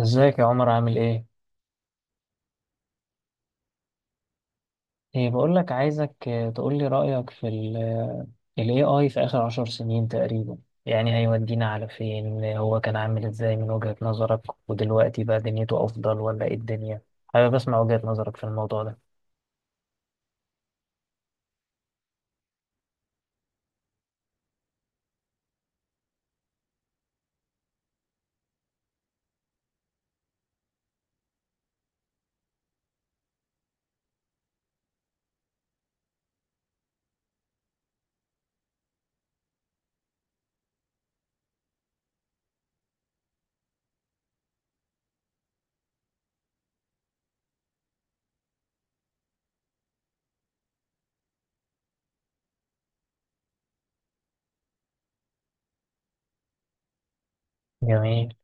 ازيك يا عمر؟ عامل ايه؟ ايه، بقول لك عايزك، تقول لي رأيك في ال AI في آخر 10 سنين تقريبا. يعني هيودينا على فين؟ هو كان عامل ازاي من وجهة نظرك، ودلوقتي بقى دنيته أفضل ولا ايه الدنيا؟ حابب أسمع وجهة نظرك في الموضوع ده. جميل.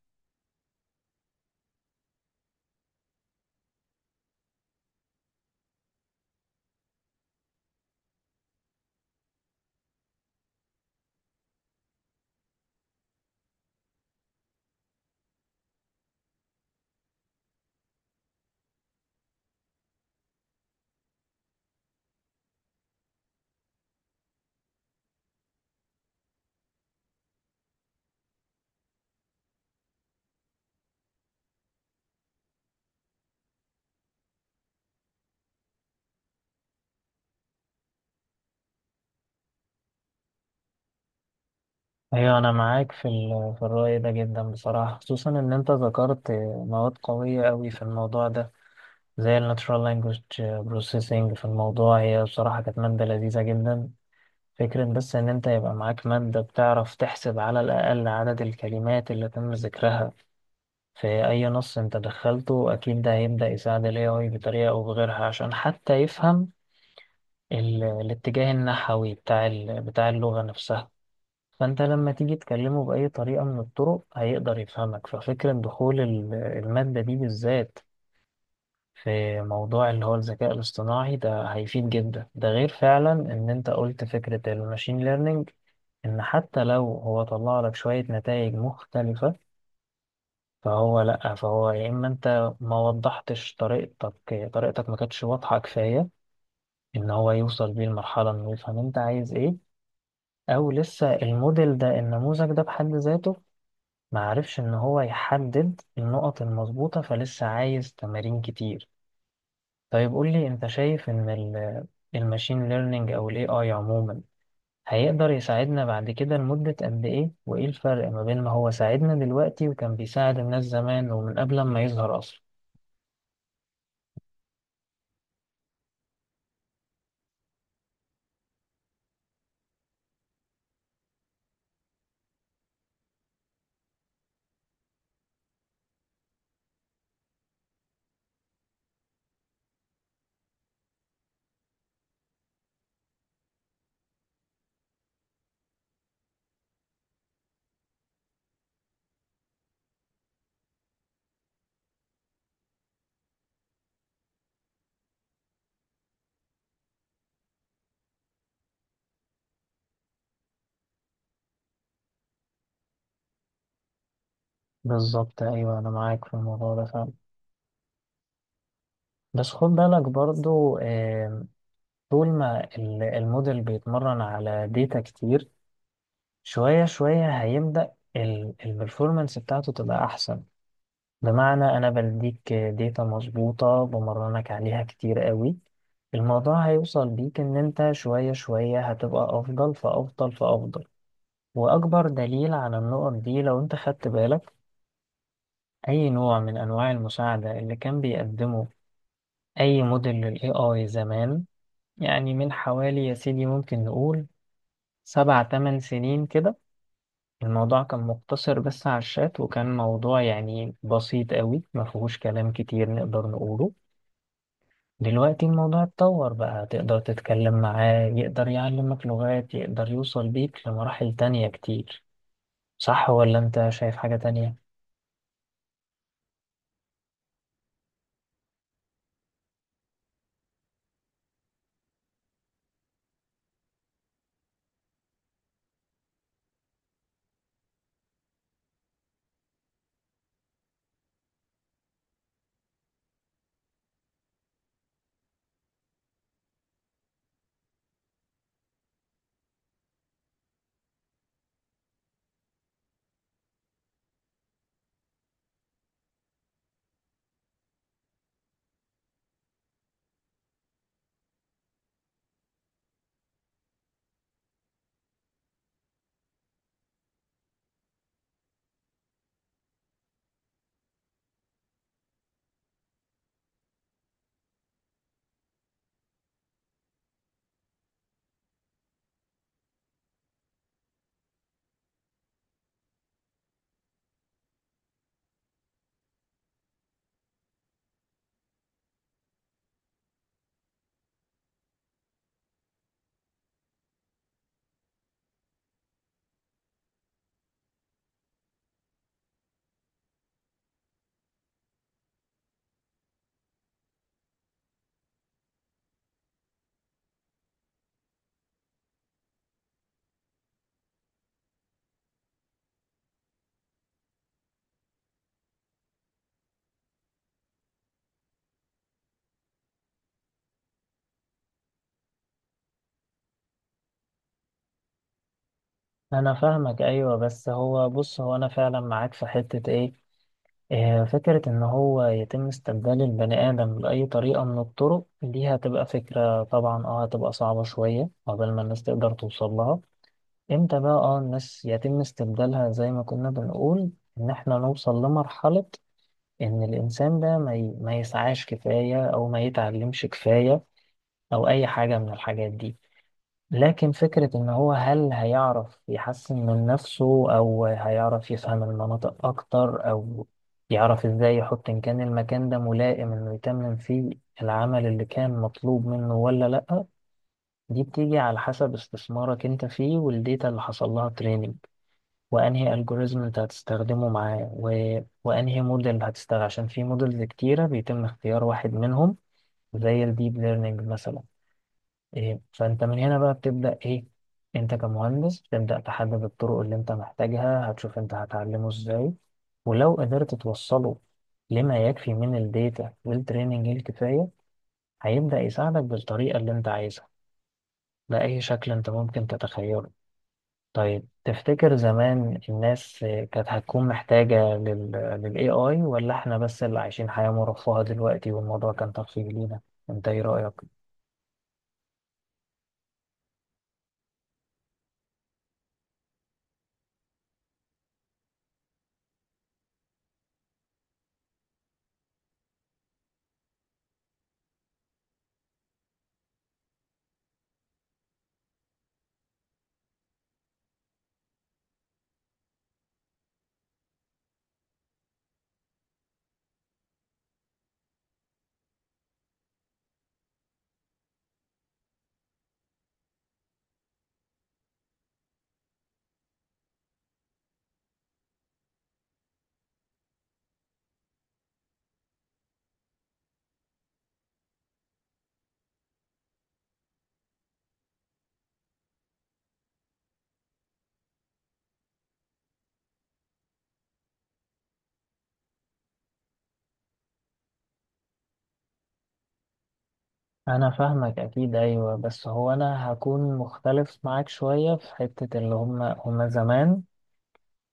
أيوة، أنا معاك في في الرأي ده جدا بصراحة، خصوصا إن أنت ذكرت مواد قوية أوي في الموضع ده، زي ال Natural Language Processing. في الموضوع، هي بصراحة كانت مادة لذيذة جدا. فكرة بس إن أنت يبقى معاك مادة بتعرف تحسب على الأقل عدد الكلمات اللي تم ذكرها في أي نص أنت دخلته، أكيد ده هيبدأ يساعد ال AI بطريقة أو بغيرها، عشان حتى يفهم الاتجاه النحوي بتاع اللغة نفسها. فأنت لما تيجي تكلمه بأي طريقة من الطرق هيقدر يفهمك. ففكرة دخول المادة دي بالذات في موضوع اللي هو الذكاء الاصطناعي ده هيفيد جدا. ده غير فعلا ان انت قلت فكرة الماشين ليرنينج، ان حتى لو هو طلع لك شوية نتائج مختلفة، فهو لأ، فهو يا إما أنت ما وضحتش طريقتك، طريقتك ما كانتش واضحة كفاية إن هو يوصل بيه المرحلة إنه يفهم أنت عايز إيه، أو لسه الموديل ده، النموذج ده بحد ذاته ما عرفش إن هو يحدد النقط المظبوطة، فلسه عايز تمارين كتير. طيب قول لي، انت شايف ان الماشين ليرنينج او الاي اي عموما هيقدر يساعدنا بعد كده لمدة قد ايه؟ وايه الفرق ما بين ما هو ساعدنا دلوقتي وكان بيساعد الناس زمان ومن قبل ما يظهر اصلا؟ بالظبط، ايوه، انا معاك في الموضوع ده فعلا. بس خد بالك برضو، طول ما الموديل بيتمرن على ديتا كتير، شوية شوية هيبدأ البرفورمانس بتاعته تبقى احسن. بمعنى أنا بديك داتا مظبوطة بمرنك عليها كتير قوي، الموضوع هيوصل بيك إن أنت شوية شوية هتبقى أفضل فأفضل فأفضل. وأكبر دليل على النقط دي، لو أنت خدت بالك أي نوع من أنواع المساعدة اللي كان بيقدمه أي موديل لل AI زمان، يعني من حوالي يا سيدي ممكن نقول 7 8 سنين كده، الموضوع كان مقتصر بس على الشات، وكان موضوع يعني بسيط قوي، مفهوش كلام كتير نقدر نقوله. دلوقتي الموضوع اتطور بقى، تقدر تتكلم معاه، يقدر يعلمك لغات، يقدر يوصل بيك لمراحل تانية كتير. صح ولا انت شايف حاجة تانية؟ انا فاهمك، ايوه. بس هو، بص، هو انا فعلا معاك في حتة ايه، فكرة ان هو يتم استبدال البني ادم بأي طريقة من الطرق دي، هتبقى فكرة طبعا، هتبقى صعبة شوية قبل ما الناس تقدر توصل لها. امتى بقى الناس يتم استبدالها، زي ما كنا بنقول ان احنا نوصل لمرحلة إن الإنسان ده ما يسعاش كفاية، أو ما يتعلمش كفاية، أو أي حاجة من الحاجات دي. لكن فكرة إن هو، هل هيعرف يحسن من نفسه، أو هيعرف يفهم المناطق أكتر، أو يعرف إزاي يحط إن كان المكان ده ملائم إنه يتمم فيه العمل اللي كان مطلوب منه ولا لأ، دي بتيجي على حسب استثمارك أنت فيه، والديتا اللي حصل لها تريننج، وانهي الجوريزم انت هتستخدمه معاه، وانهي موديل هتستخدم، عشان في موديلز كتيرة بيتم اختيار واحد منهم، زي الديب ليرنينج مثلا. فانت من هنا بقى بتبدأ ايه؟ انت كمهندس بتبدأ تحدد الطرق اللي انت محتاجها، هتشوف انت هتعلمه ازاي، ولو قدرت توصله لما يكفي من الداتا والتريننج الكفاية، هيبدأ يساعدك بالطريقة اللي انت عايزها، بأي شكل انت ممكن تتخيله. طيب تفتكر زمان الناس كانت هتكون محتاجة لل AI، ولا احنا بس اللي عايشين حياة مرفهة دلوقتي والموضوع كان ترفيه لينا؟ انت ايه رأيك؟ انا فاهمك، اكيد، ايوه. بس هو انا هكون مختلف معاك شوية في حتة اللي هم زمان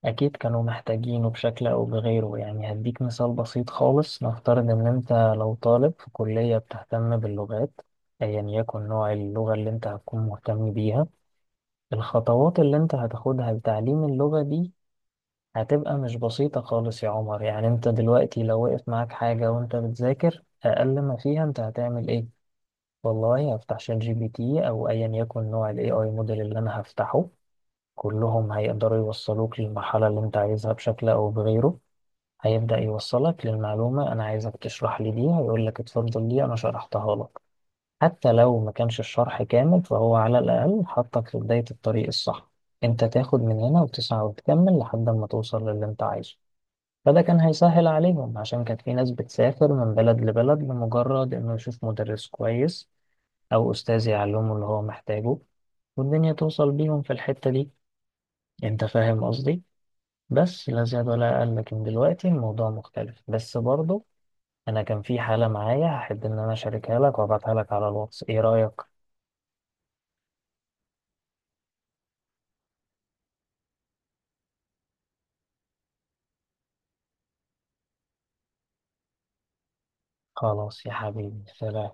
اكيد كانوا محتاجينه بشكل او بغيره. يعني هديك مثال بسيط خالص، نفترض ان انت لو طالب في كلية بتهتم باللغات، ايا يكن نوع اللغة اللي انت هتكون مهتم بيها، الخطوات اللي انت هتاخدها لتعليم اللغة دي هتبقى مش بسيطة خالص يا عمر. يعني انت دلوقتي لو وقف معاك حاجة وانت بتذاكر، اقل ما فيها انت هتعمل ايه؟ والله هفتح شات جي بي تي، او ايا يكن نوع الاي اي موديل اللي انا هفتحه، كلهم هيقدروا يوصلوك للمرحلة اللي انت عايزها بشكل او بغيره. هيبدأ يوصلك للمعلومة، انا عايزك تشرح لي دي، هيقول لك اتفضل دي انا شرحتها لك. حتى لو ما كانش الشرح كامل، فهو على الأقل حطك في بداية الطريق الصح، انت تاخد من هنا وتسعى وتكمل لحد ما توصل للي انت عايزه. فده كان هيسهل عليهم، عشان كانت في ناس بتسافر من بلد لبلد لمجرد انه يشوف مدرس كويس او استاذ يعلمه اللي هو محتاجه، والدنيا توصل بيهم في الحتة دي. انت فاهم قصدي؟ بس لا زياد ولا أقل. لكن دلوقتي الموضوع مختلف بس برضه. انا كان في حالة معايا، هحب ان انا اشاركها لك وابعتها لك على الواتس. ايه رأيك؟ خلاص يا حبيبي، سلام.